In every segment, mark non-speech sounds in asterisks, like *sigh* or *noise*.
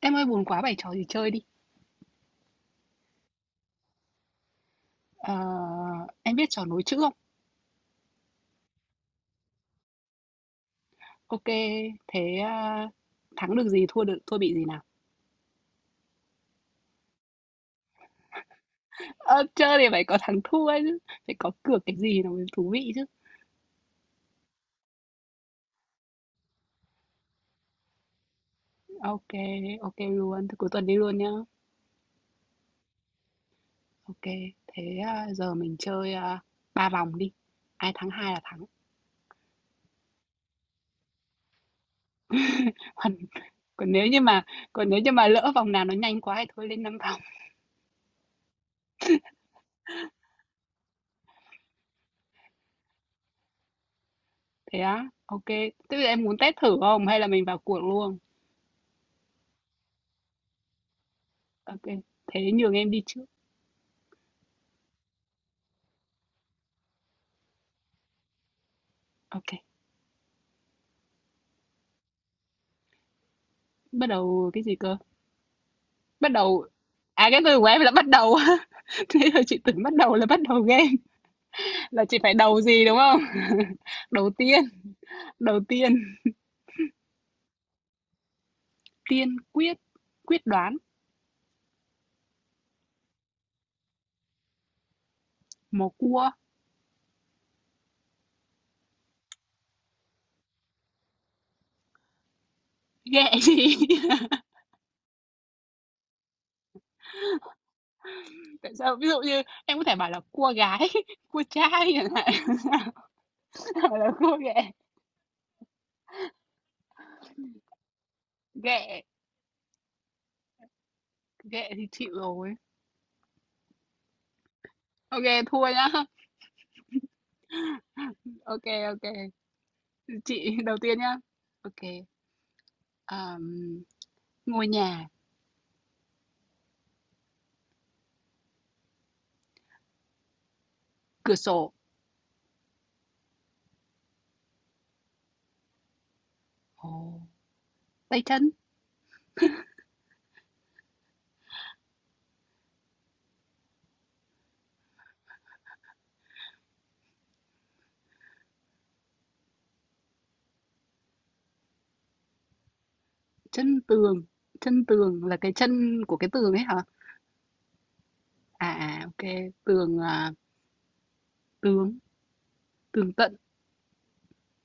Em ơi buồn quá bày trò gì chơi đi. Ờ, em biết trò nối chữ không? Ok, thế à, thắng được gì, thua bị gì nào? Ờ, chơi thì phải có thắng thua ấy chứ, phải có cược cái gì nó mới thú vị chứ. Ok, ok luôn, thế cuối tuần đi luôn nhá. Ok, thế à, giờ mình chơi à, ba vòng đi. Ai thắng hai là thắng. *laughs* Còn, còn nếu như mà còn nếu như mà lỡ vòng nào nó nhanh quá thì thôi lên năm vòng. Thế á, ok. Thế bây giờ em muốn test thử không hay là mình vào cuộc luôn? Ok, thế nhường em đi trước. Ok. Bắt đầu cái gì cơ? Bắt đầu à, cái từ của em là bắt đầu á. *laughs* Thế là chị tưởng bắt đầu là bắt đầu game, là chị phải đầu gì, đúng không? *laughs* Đầu tiên, đầu tiên, tiên quyết, quyết đoán, mò cua, ghẹ gì? *laughs* Tại sao? Ví dụ như em có thể bảo là cua gái, *laughs* cua trai chẳng hạn, *laughs* hoặc là cua ghẹ. Ghẹ, ghẹ thì chịu rồi. OK, thua nhá. OK, OK. Chị đầu tiên nhá. OK. ờm, ngôi nhà, cửa sổ. Ồ. Tay chân, chân tường, chân tường là cái chân của cái tường ấy hả? À, à, ok, tường à, tướng, tường tận,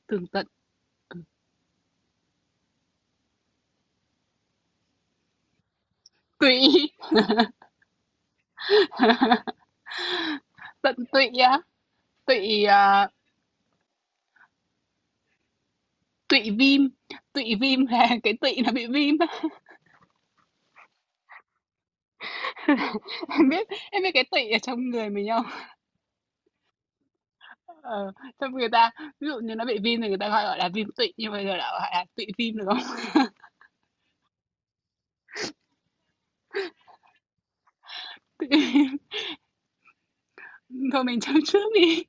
tường tận, ừ. Tụy, *laughs* tận tụy á, tụy à, tụy viêm, tụy viêm là *laughs* cái tụy nó bị viêm á. *laughs* Em biết cái tụy ở trong người mình không? Ờ, trong người ta, ví dụ như nó bị viêm thì người ta gọi gọi là viêm tụy, nhưng bây giờ đã gọi là tụy viêm được không? *laughs* Tụy viêm. Thôi mình chấm trước đi.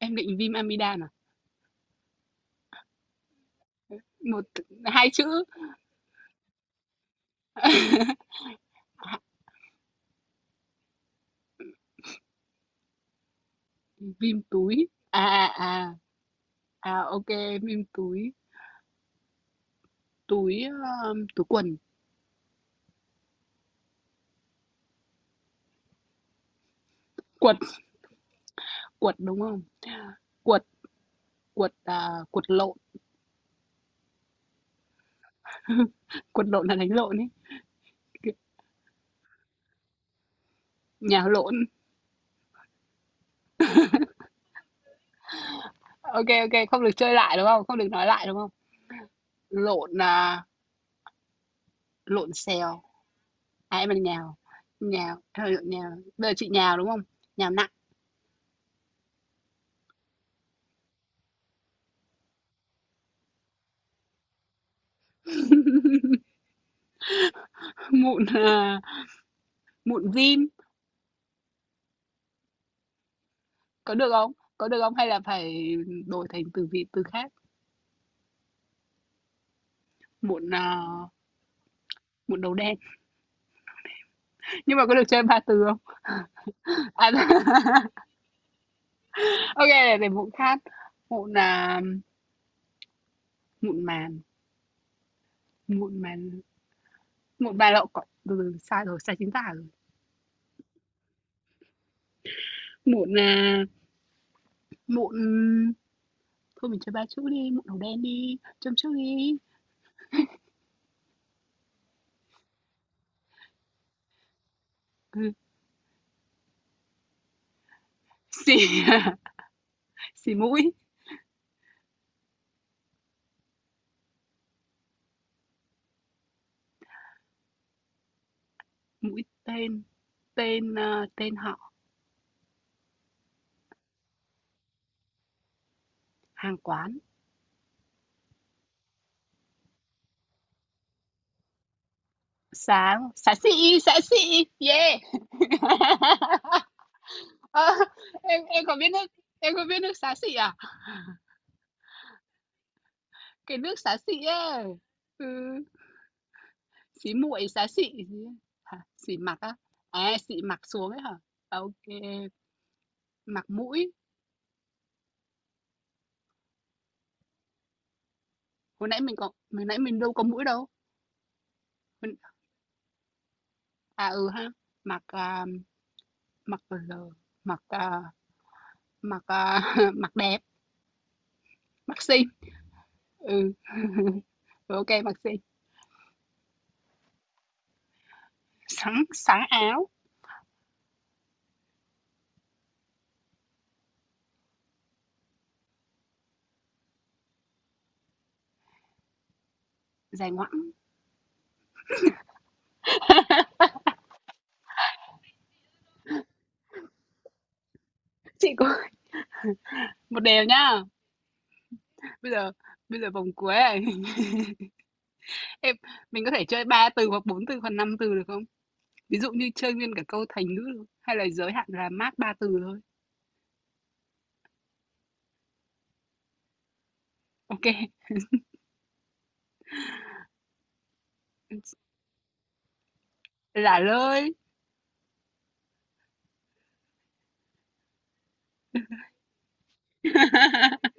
Em định viêm amidan à? Một, hai chữ. *laughs* Vim túi. À, à, à. À, OK, vim túi. Túi, túi quần. Quật, quật đúng không? Quật, quật lộn. *laughs* Quật lộn là đánh lộn ấy. Nhà lộn. OK, OK, không được chơi lại đúng không? Không được nói lại đúng không? Lộn, à, lộn xèo. À, em là nhào. Nhào, em lộn nhào. Bây giờ chị nhào đúng không? Nhào nặng. *laughs* Mụn, à, mụn vim. Có được không? Có được không? Hay là phải đổi thành từ vị từ khác? Mụn, à, mụn đầu đen. Nhưng mà có được chơi ba từ không? À, *laughs* ô để mụn khác. Mụn, là mụn màn, mụn màn mụn bà lậu cỏ từ từ, sai rồi, sai chính tả rồi. Mụn, là mụn thôi mình chơi 3 chữ đi, mụn đầu đen đi, châm chước đi. Ừ, xì *laughs* xì mũi, mũi tên, tên, ơ, tên họ, hàng quán, xá xá xị, yeah. *laughs* Ờ, em có biết nước em có biết nước xá xị à? Cái nước xá xị ấy. Ừ. Xí muội xá xị gì hả xỉ mặt á à xị mặt xuống ấy hả à, ok mặt mũi hồi nãy mình đâu có mũi đâu à ừ ha mặt à, mặt l mặt à, mặt à, *laughs* mặt đẹp mặt xinh ừ *laughs* ok mặt xinh sáng sáng áo dài ngoẵng chị có *laughs* một đều nhá bây giờ bây giờ vòng cuối này *laughs* em mình có thể chơi ba từ hoặc bốn từ hoặc năm từ được không ví dụ như chơi nguyên cả câu thành ngữ hay là giới hạn là max ba từ thôi. Ok, lả lơi. *laughs*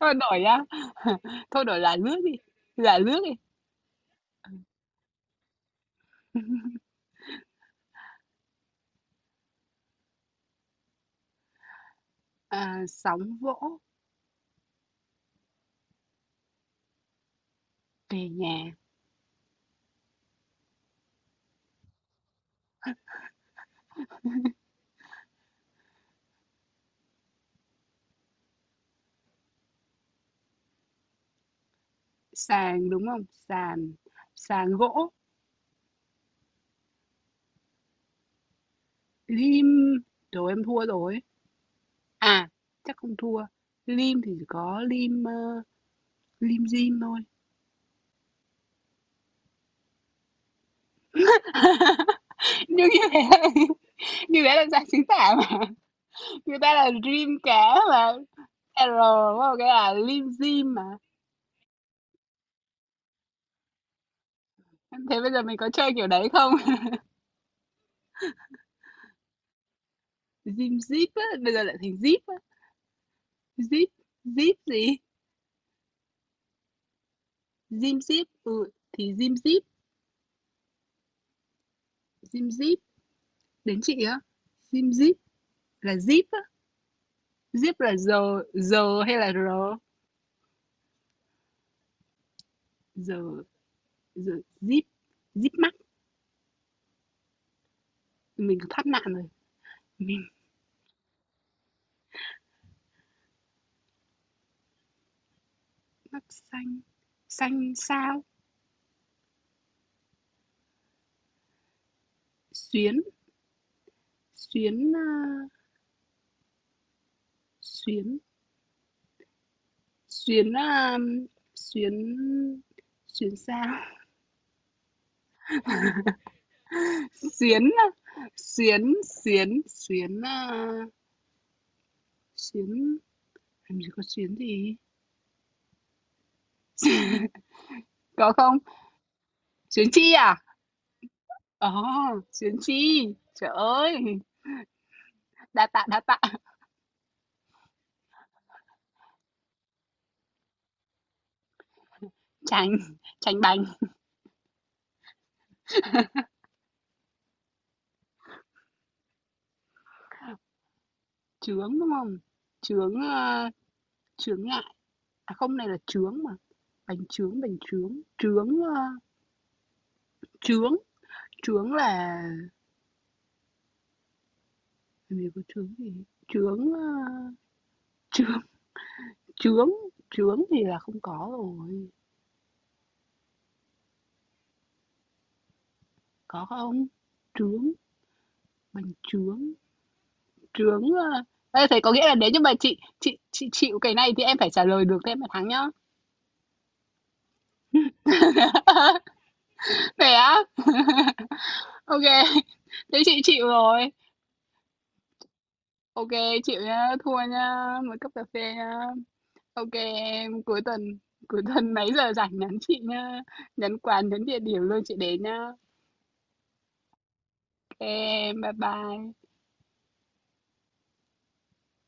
Thôi đổi nhá. *laughs* Thôi đổi lả lướt đi. Lả lướt đi. *laughs* À, sóng vỗ về nhà. Sàn đúng không? Sàn. Sàn gỗ. Lim. Đồ em thua rồi. À, chắc không thua. Lim thì chỉ có lim dim thôi. *laughs* Nhưng như thế là, *laughs* như thế là dạng chính tả mà. Người ta là rim cá mà. R đúng không? Cái là lim dim mà. Thế bây giờ mình có chơi kiểu đấy không? Dim Zip á, bây giờ lại thành Zip á. Zip, Zip gì? Dim Zip, ừ, thì Dim Zip, Dim Zip, đến chị á. Dim Zip là Zip á, Zip là giờ, giờ hay là r? Giờ, giờ, Zip, Zip mắt mình thoát nạn rồi. Mình mắt xanh, xanh sao? Xuyến, xuyến, ờ, xuyến, xuyến, ờ, xuyến, xuyến sao? *laughs* Xuyến, xuyến, xuyến, xuyến, ờ, Xuyến làm gì có xuyến gì? *laughs* Có không? Xuyến chi à? Ồ, oh xuyến chi. Trời ơi, đa tạ, đa tạ. Tránh, tránh bánh Chướng đúng không? Chướng, ơ, chướng ngại. À không, này là chướng mà. Bánh chướng. Chướng. Chướng là... Làm gì có chướng gì? Chướng, ơ, chướng, chướng. Chướng thì là không có rồi. Có không? Chướng, bánh chướng. Trướng, à. Ê, thế có nghĩa là nếu như mà chị chịu cái này thì em phải trả lời được thì em mới thắng nhá. Thế á? Ok, *laughs* kê. Thế chị chịu rồi. Ok, chịu nhá, thua nhá, một cốc cà phê nhá. Ok, em cuối tuần cuối tuần mấy giờ rảnh nhắn chị nhá. Nhắn quán, nhắn địa điểm luôn chị đến nhá. Ok, bye bye.